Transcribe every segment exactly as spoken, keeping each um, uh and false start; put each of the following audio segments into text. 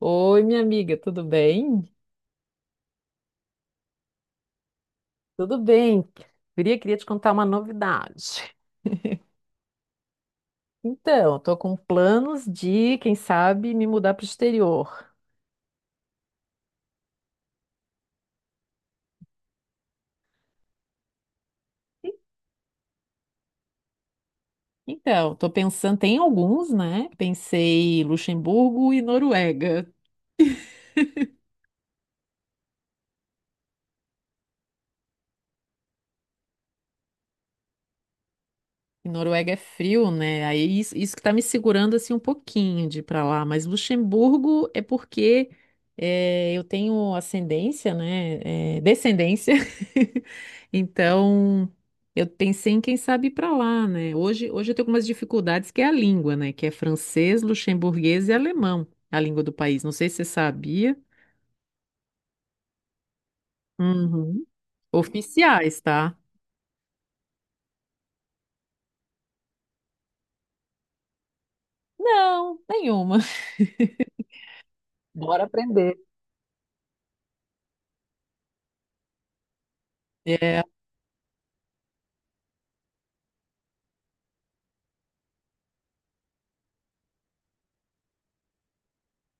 Oi, minha amiga, tudo bem? Tudo bem. Guria, queria te contar uma novidade. Então, tô com planos de, quem sabe, me mudar para o exterior. Então, tô pensando, tem alguns, né? Pensei Luxemburgo e Noruega. E Noruega é frio, né? Aí isso, isso que tá me segurando assim um pouquinho de ir pra lá. Mas Luxemburgo é porque eh, eu tenho ascendência, né? eh, descendência. Então eu pensei em quem sabe ir pra lá, né? Hoje, hoje eu tenho algumas dificuldades que é a língua, né? Que é francês, luxemburguês e alemão, a língua do país. Não sei se você sabia. Uhum. Oficiais, tá? Não, nenhuma. Bora aprender.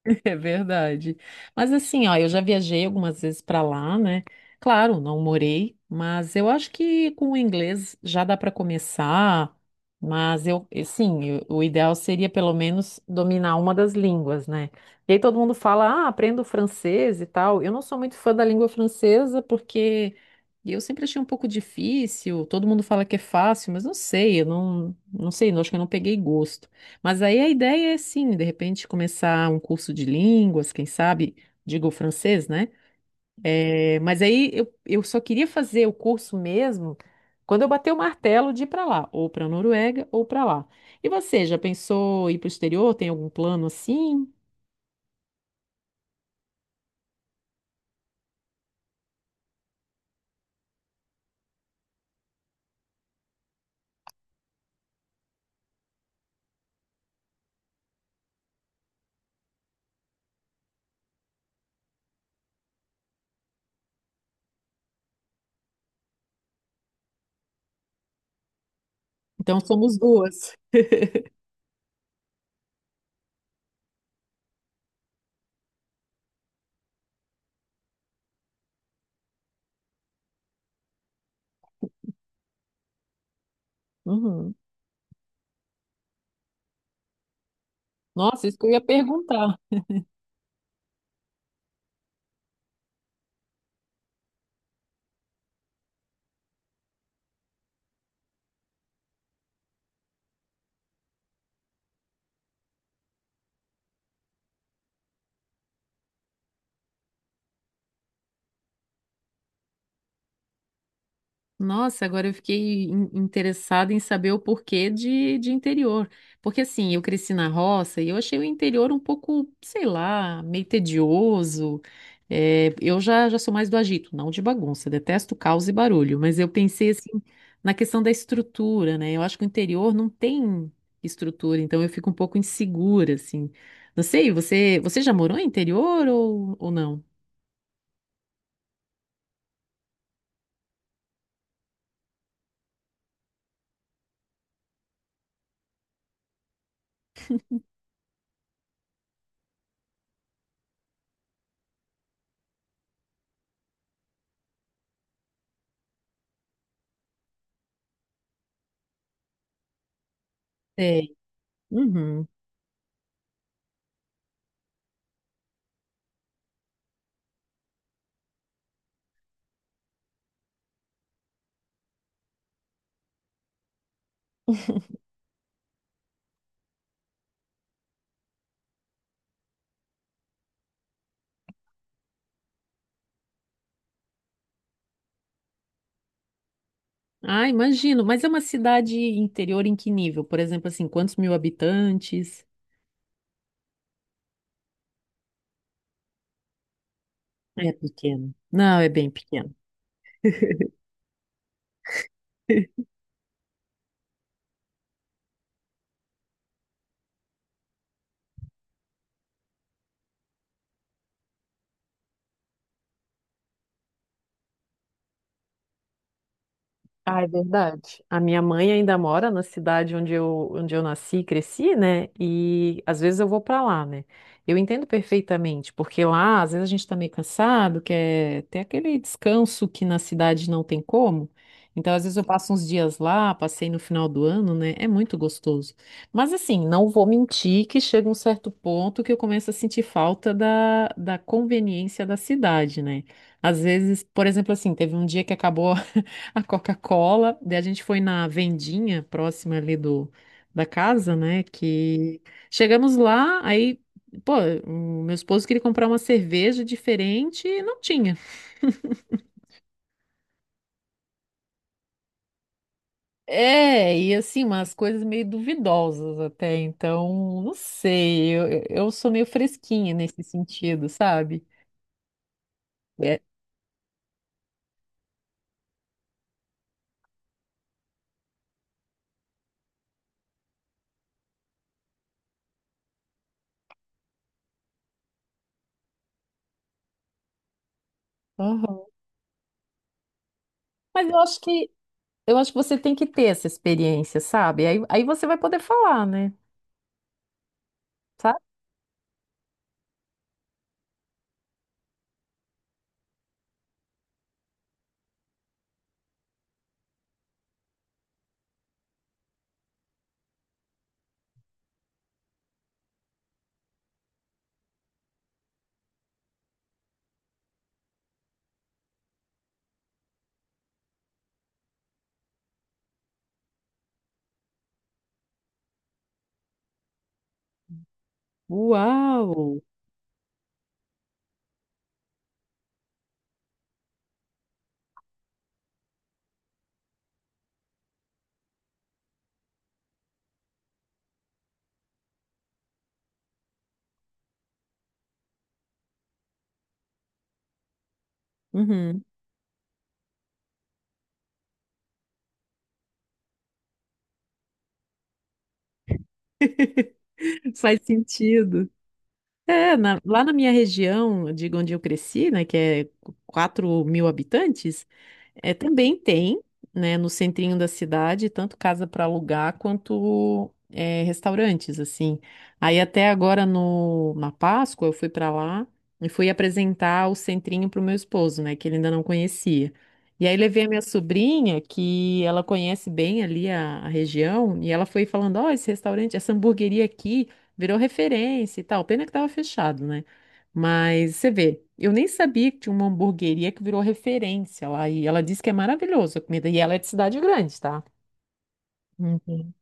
É verdade. Mas assim, ó, eu já viajei algumas vezes para lá, né? Claro, não morei, mas eu acho que com o inglês já dá para começar. Mas eu, e sim, eu- o ideal seria pelo menos dominar uma das línguas, né? E aí todo mundo fala, ah, aprendo francês e tal. Eu não sou muito fã da língua francesa porque eu sempre achei um pouco difícil. Todo mundo fala que é fácil, mas não sei, eu não, não sei, eu acho que eu não peguei gosto. Mas aí a ideia é sim, de repente começar um curso de línguas, quem sabe, digo francês, né? Eh, mas aí eu, eu só queria fazer o curso mesmo quando eu bater o martelo de ir para lá, ou para a Noruega, ou para lá. E você, já pensou em ir para o exterior? Tem algum plano assim? Então somos duas. Uhum. Nossa, isso que eu ia perguntar. Nossa, agora eu fiquei in- interessada em saber o porquê de, de interior. Porque assim, eu cresci na roça e eu achei o interior um pouco, sei lá, meio tedioso. É, eu já, já sou mais do agito, não de bagunça, detesto caos e barulho. Mas eu pensei assim na questão da estrutura, né? Eu acho que o interior não tem estrutura, então eu fico um pouco insegura, assim. Não sei, você, você já morou em interior ou, ou não? Sei. Ah, imagino. Mas é uma cidade interior em que nível? Por exemplo, assim, quantos mil habitantes? É pequeno. Não, é bem pequeno. Ah, é verdade. A minha mãe ainda mora na cidade onde eu, onde eu nasci e cresci, né? E às vezes eu vou para lá, né? Eu entendo perfeitamente, porque lá às vezes a gente tá meio cansado, quer ter aquele descanso que na cidade não tem como. Então, às vezes eu passo uns dias lá, passei no final do ano, né? É muito gostoso. Mas assim, não vou mentir que chega um certo ponto que eu começo a sentir falta da, da conveniência da cidade, né? Às vezes, por exemplo, assim, teve um dia que acabou a Coca-Cola. Daí a gente foi na vendinha próxima ali do, da casa, né? Que chegamos lá, aí, pô, o meu esposo queria comprar uma cerveja diferente e não tinha. É, e assim, umas coisas meio duvidosas até, então, não sei, eu, eu eu sou meio fresquinha nesse sentido, sabe? É. Aham. Mas eu acho que eu acho que você tem que ter essa experiência, sabe? Aí, aí você vai poder falar, né? Sabe? Uau! Uhum. Faz sentido. É, na- lá na minha região, de onde eu cresci, né, que é quatro mil habitantes, é, também tem, né, no centrinho da cidade, tanto casa para alugar quanto é, restaurantes, assim. Aí até agora, no, na Páscoa, eu fui para lá e fui apresentar o centrinho para o meu esposo, né, que ele ainda não conhecia. E aí levei a minha sobrinha, que ela conhece bem ali a, a região, e ela foi falando, ó, esse restaurante, essa hamburgueria aqui, virou referência e tal. Pena que tava fechado, né? Mas você vê, eu nem sabia que tinha uma hamburgueria que virou referência lá. E ela disse que é maravilhosa a comida. E ela é de cidade grande, tá? Uhum.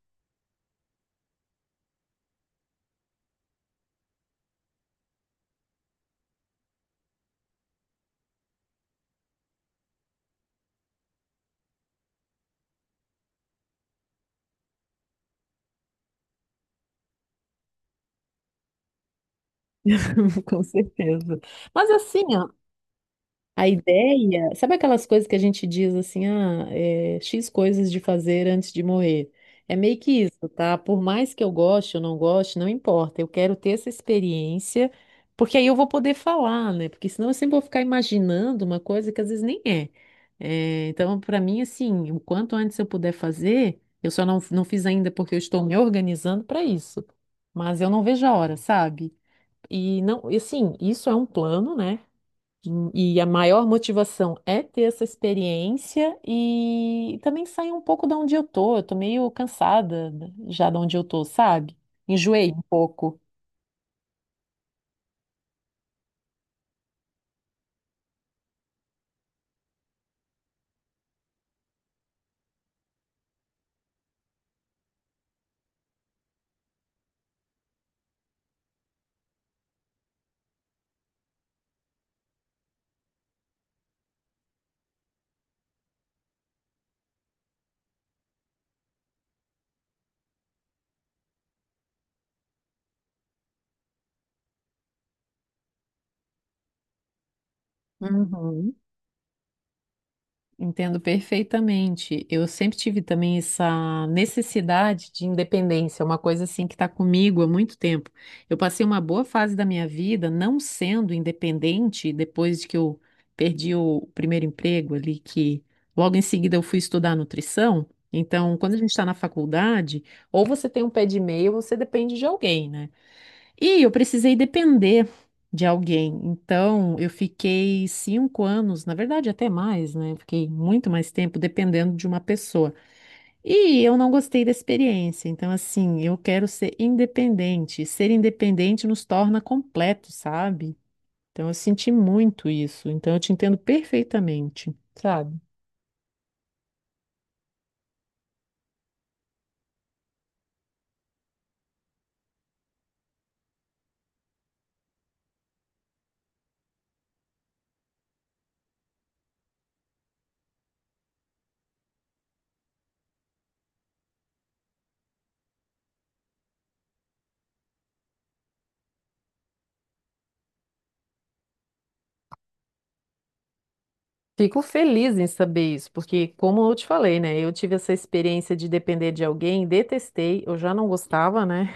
Com certeza. Mas assim, ó, a ideia, sabe aquelas coisas que a gente diz assim, ah, é, X coisas de fazer antes de morrer? É meio que isso, tá? Por mais que eu goste ou não goste, não importa. Eu quero ter essa experiência, porque aí eu vou poder falar, né? Porque senão eu sempre vou ficar imaginando uma coisa que às vezes nem é. É, então, para mim, assim, o quanto antes eu puder fazer, eu só não, não fiz ainda porque eu estou me organizando para isso. Mas eu não vejo a hora, sabe? E não, e assim, isso é um plano, né? E a maior motivação é ter essa experiência e também sair um pouco da onde eu tô. Eu tô meio cansada já de onde eu tô, sabe? Enjoei um pouco. Uhum. Entendo perfeitamente. Eu sempre tive também essa necessidade de independência, é uma coisa assim que está comigo há muito tempo. Eu passei uma boa fase da minha vida não sendo independente depois de que eu perdi o primeiro emprego ali, que logo em seguida eu fui estudar nutrição. Então, quando a gente está na faculdade, ou você tem um pé de meia ou você depende de alguém, né? E eu precisei depender de alguém. Então, eu fiquei cinco anos, na verdade, até mais, né? Fiquei muito mais tempo dependendo de uma pessoa. E eu não gostei da experiência. Então, assim, eu quero ser independente. Ser independente nos torna completos, sabe? Então, eu senti muito isso. Então, eu te entendo perfeitamente, sabe? Fico feliz em saber isso, porque, como eu te falei, né? Eu tive essa experiência de depender de alguém, detestei, eu já não gostava, né?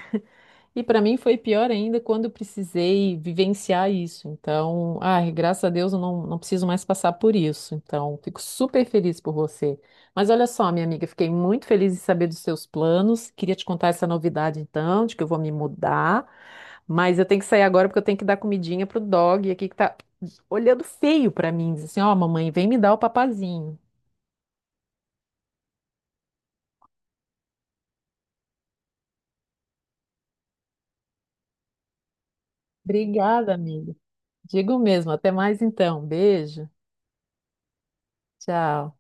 E para mim foi pior ainda quando eu precisei vivenciar isso. Então, ai, graças a Deus eu não, não preciso mais passar por isso. Então, fico super feliz por você. Mas olha só, minha amiga, fiquei muito feliz em saber dos seus planos. Queria te contar essa novidade, então, de que eu vou me mudar. Mas eu tenho que sair agora porque eu tenho que dar comidinha pro dog aqui que tá olhando feio para mim. Diz assim: ó, mamãe, vem me dar o papazinho. Obrigada, amiga. Digo mesmo. Até mais então. Beijo. Tchau.